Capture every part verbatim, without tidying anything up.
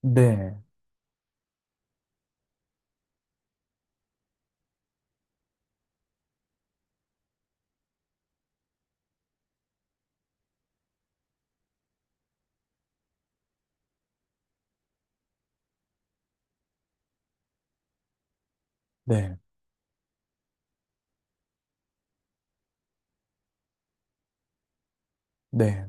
네, 네, 네.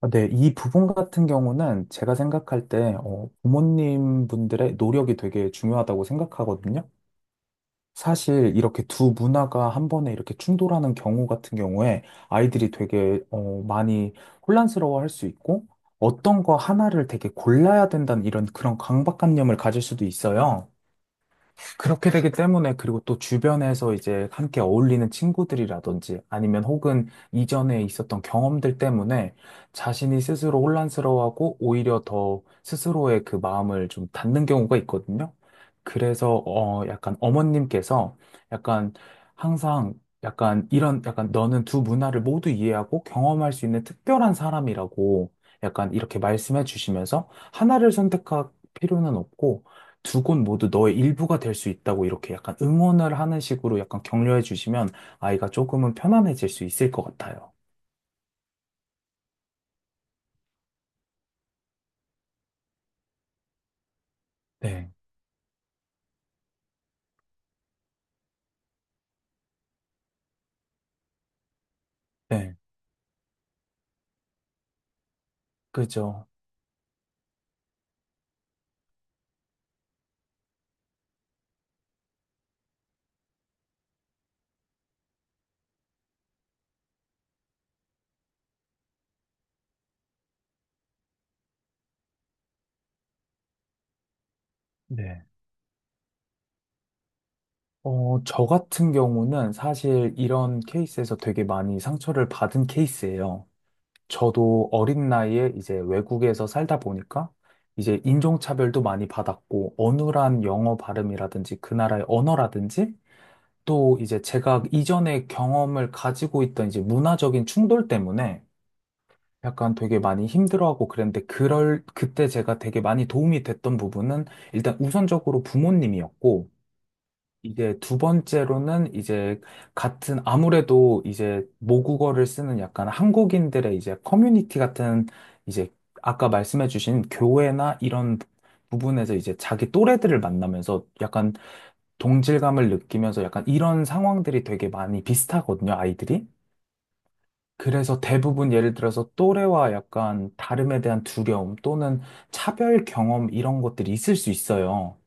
아, 네, 이 부분 같은 경우는 제가 생각할 때, 어, 부모님 분들의 노력이 되게 중요하다고 생각하거든요. 사실 이렇게 두 문화가 한 번에 이렇게 충돌하는 경우 같은 경우에 아이들이 되게, 어, 많이 혼란스러워 할 수 있고, 어떤 거 하나를 되게 골라야 된다는 이런 그런 강박관념을 가질 수도 있어요. 그렇게 되기 때문에, 그리고 또 주변에서 이제 함께 어울리는 친구들이라든지 아니면 혹은 이전에 있었던 경험들 때문에 자신이 스스로 혼란스러워하고 오히려 더 스스로의 그 마음을 좀 닫는 경우가 있거든요. 그래서 어 약간 어머님께서 약간 항상 약간 이런 약간 너는 두 문화를 모두 이해하고 경험할 수 있는 특별한 사람이라고 약간 이렇게 말씀해 주시면서, 하나를 선택할 필요는 없고 두 곳 모두 너의 일부가 될 수 있다고 이렇게 약간 응원을 하는 식으로 약간 격려해 주시면 아이가 조금은 편안해질 수 있을 것 같아요. 네, 네, 그죠. 네, 어, 저 같은 경우는 사실 이런 케이스에서 되게 많이 상처를 받은 케이스예요. 저도 어린 나이에 이제 외국에서 살다 보니까 이제 인종차별도 많이 받았고, 어눌한 영어 발음이라든지 그 나라의 언어라든지 또 이제 제가 이전에 경험을 가지고 있던 이제 문화적인 충돌 때문에 약간 되게 많이 힘들어하고 그랬는데, 그럴 그때 제가 되게 많이 도움이 됐던 부분은 일단 우선적으로 부모님이었고, 이게 두 번째로는 이제 같은, 아무래도 이제 모국어를 쓰는 약간 한국인들의 이제 커뮤니티 같은, 이제 아까 말씀해 주신 교회나 이런 부분에서 이제 자기 또래들을 만나면서 약간 동질감을 느끼면서. 약간 이런 상황들이 되게 많이 비슷하거든요, 아이들이. 그래서 대부분, 예를 들어서 또래와 약간 다름에 대한 두려움 또는 차별 경험, 이런 것들이 있을 수 있어요.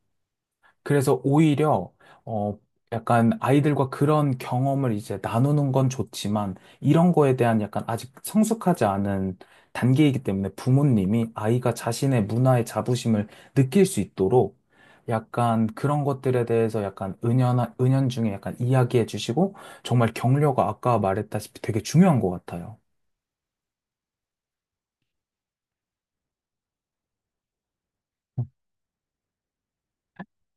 그래서 오히려 어 약간 아이들과 그런 경험을 이제 나누는 건 좋지만, 이런 거에 대한 약간 아직 성숙하지 않은 단계이기 때문에 부모님이 아이가 자신의 문화의 자부심을 느낄 수 있도록 약간 그런 것들에 대해서 약간 은연한 은연중에 약간 이야기해 주시고 정말 격려가, 아까 말했다시피 되게 중요한 것 같아요.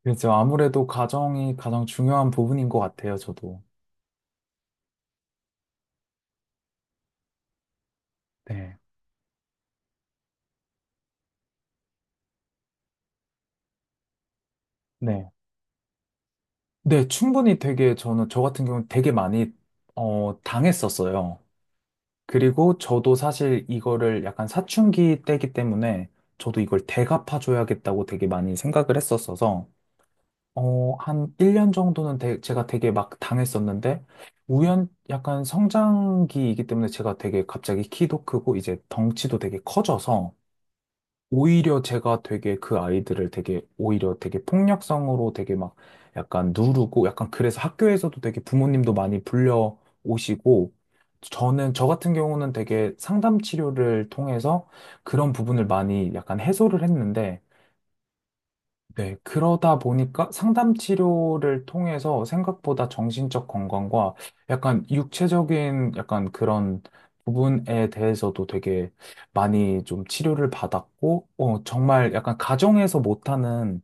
그래서 아무래도 가정이 가장 중요한 부분인 것 같아요, 저도. 네. 네. 네, 충분히 되게, 저는 저 같은 경우는 되게 많이 어, 당했었어요. 그리고 저도 사실 이거를 약간 사춘기 때기 때문에 저도 이걸 대갚아줘야겠다고 되게 많이 생각을 했었어서, 어, 한 일 년 정도는 되- 제가 되게 막 당했었는데, 우연 약간 성장기이기 때문에 제가 되게 갑자기 키도 크고 이제 덩치도 되게 커져서 오히려 제가 되게 그 아이들을 되게 오히려 되게 폭력성으로 되게 막 약간 누르고 약간. 그래서 학교에서도 되게 부모님도 많이 불려 오시고. 저는 저 같은 경우는 되게 상담 치료를 통해서 그런 부분을 많이 약간 해소를 했는데. 네, 그러다 보니까 상담 치료를 통해서 생각보다 정신적 건강과 약간 육체적인 약간 그런 부분에 대해서도 되게 많이 좀 치료를 받았고, 어, 정말 약간 가정에서 못하는,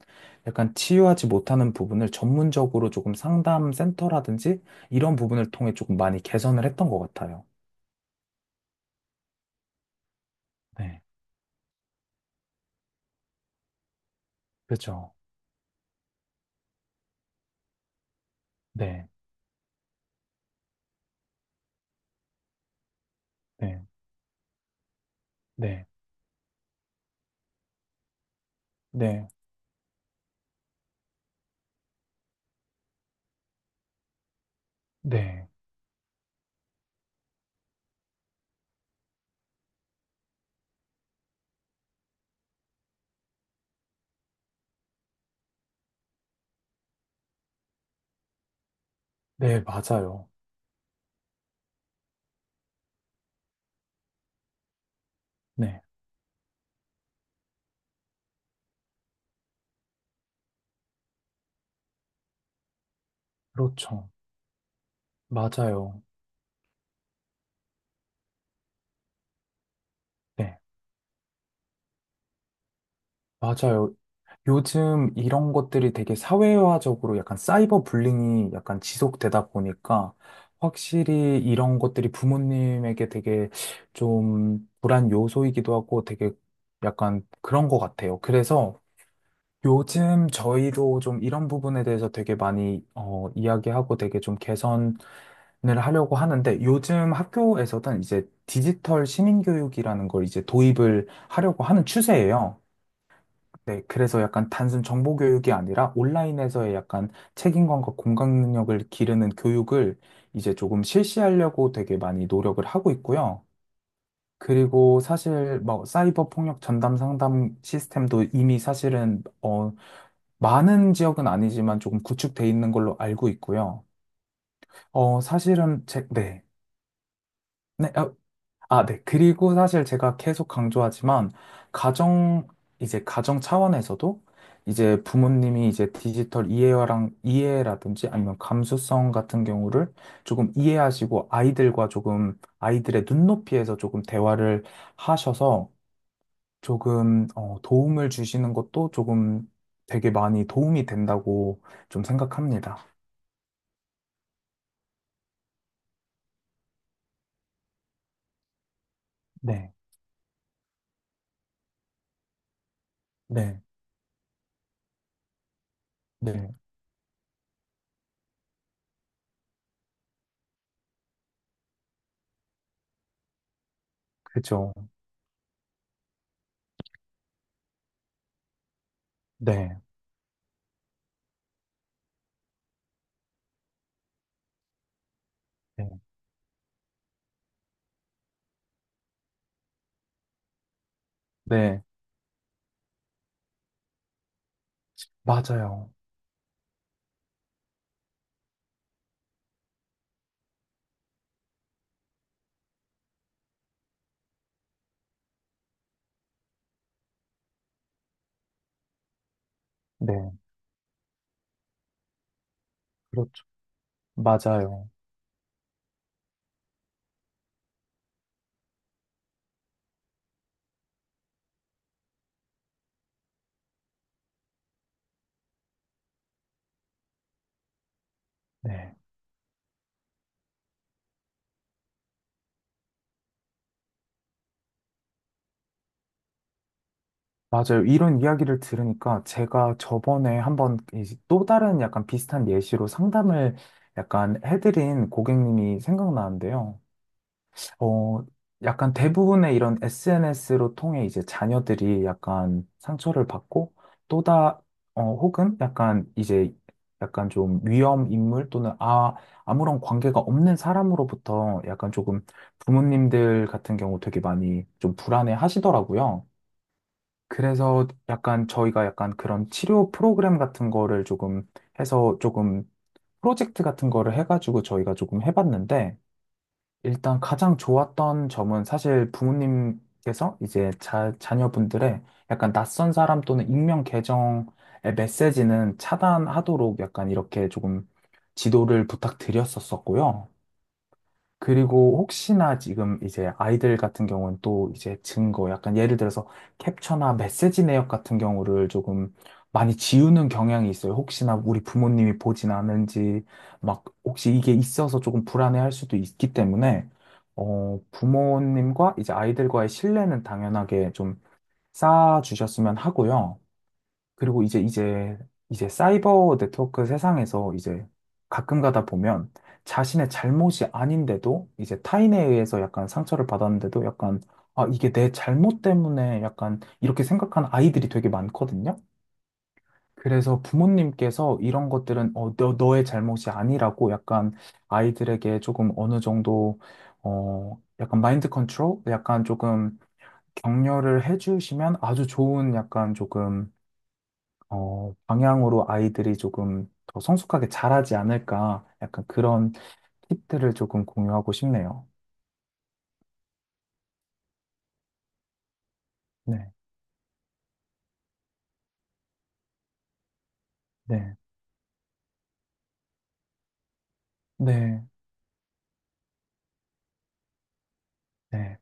약간 치유하지 못하는 부분을 전문적으로 조금 상담 센터라든지 이런 부분을 통해 조금 많이 개선을 했던 것 같아요. 네, 그죠. 네, 네, 네, 네, 네, 네, 맞아요. 네, 그렇죠. 맞아요. 네, 맞아요. 요즘 이런 것들이 되게 사회화적으로 약간 사이버 불링이 약간 지속되다 보니까 확실히 이런 것들이 부모님에게 되게 좀 불안 요소이기도 하고 되게 약간 그런 것 같아요. 그래서 요즘 저희도 좀 이런 부분에 대해서 되게 많이 어, 이야기하고 되게 좀 개선을 하려고 하는데, 요즘 학교에서는 이제 디지털 시민교육이라는 걸 이제 도입을 하려고 하는 추세예요. 네, 그래서 약간 단순 정보 교육이 아니라 온라인에서의 약간 책임감과 공감 능력을 기르는 교육을 이제 조금 실시하려고 되게 많이 노력을 하고 있고요. 그리고 사실 뭐 사이버 폭력 전담 상담 시스템도 이미 사실은 어 많은 지역은 아니지만 조금 구축돼 있는 걸로 알고 있고요. 어 사실은 제, 네. 네, 어, 아, 네. 그리고 사실 제가 계속 강조하지만, 가정, 이제 가정 차원에서도, 이제 부모님이 이제 디지털 이해랑, 이해라든지 아니면 감수성 같은 경우를 조금 이해하시고, 아이들과 조금, 아이들의 눈높이에서 조금 대화를 하셔서, 조금, 어, 도움을 주시는 것도 조금 되게 많이 도움이 된다고 좀 생각합니다. 네. 네. 네. 그죠. 네. 네. 네. 맞아요. 네. 그렇- 맞아요. 네. 맞아요. 이런 이야기를 들으니까 제가 저번에 한번 이제 또 다른 약간 비슷한 예시로 상담을 약간 해드린 고객님이 생각나는데요. 어, 약간 대부분의 이런 에스엔에스로 통해 이제 자녀들이 약간 상처를 받고 또다, 어, 혹은 약간 이제 약간 좀 위험 인물 또는 아, 아무런 관계가 없는 사람으로부터 약간 조금 부모님들 같은 경우 되게 많이 좀 불안해 하시더라고요. 그래서 약간 저희가 약간 그런 치료 프로그램 같은 거를 조금 해서 조금 프로젝트 같은 거를 해가지고 저희가 조금 해봤는데, 일단 가장 좋았던 점은 사실 부모님께서 이제 자, 자녀분들의 약간 낯선 사람 또는 익명 계정의 메시지는 차단하도록 약간 이렇게 조금 지도를 부탁드렸었었고요. 그리고 혹시나 지금 이제 아이들 같은 경우는 또 이제 증거, 약간 예를 들어서 캡처나 메시지 내역 같은 경우를 조금 많이 지우는 경향이 있어요. 혹시나 우리 부모님이 보진 않은지, 막 혹시 이게 있어서 조금 불안해할 수도 있기 때문에, 어, 부모님과 이제 아이들과의 신뢰는 당연하게 좀 쌓아주셨으면 하고요. 그리고 이제 이제 이제 사이버 네트워크 세상에서 이제 가끔 가다 보면 자신의 잘못이 아닌데도 이제 타인에 의해서 약간 상처를 받았는데도 약간 아 이게 내 잘못 때문에 약간 이렇게 생각하는 아이들이 되게 많거든요. 그래서 부모님께서 이런 것들은 어, 너, 너의 잘못이 아니라고 약간 아이들에게 조금 어느 정도 어 약간 마인드 컨트롤, 약간 조금 격려를 해주시면 아주 좋은 약간 조금 어, 방향으로 아이들이 조금 더 성숙하게 자라지 않을까, 약간 그런 팁들을 조금 공유하고 싶네요. 네, 네, 네, 네,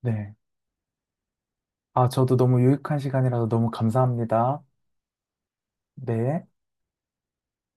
네. 아, 저도 너무 유익한 시간이라서 너무 감사합니다. 네.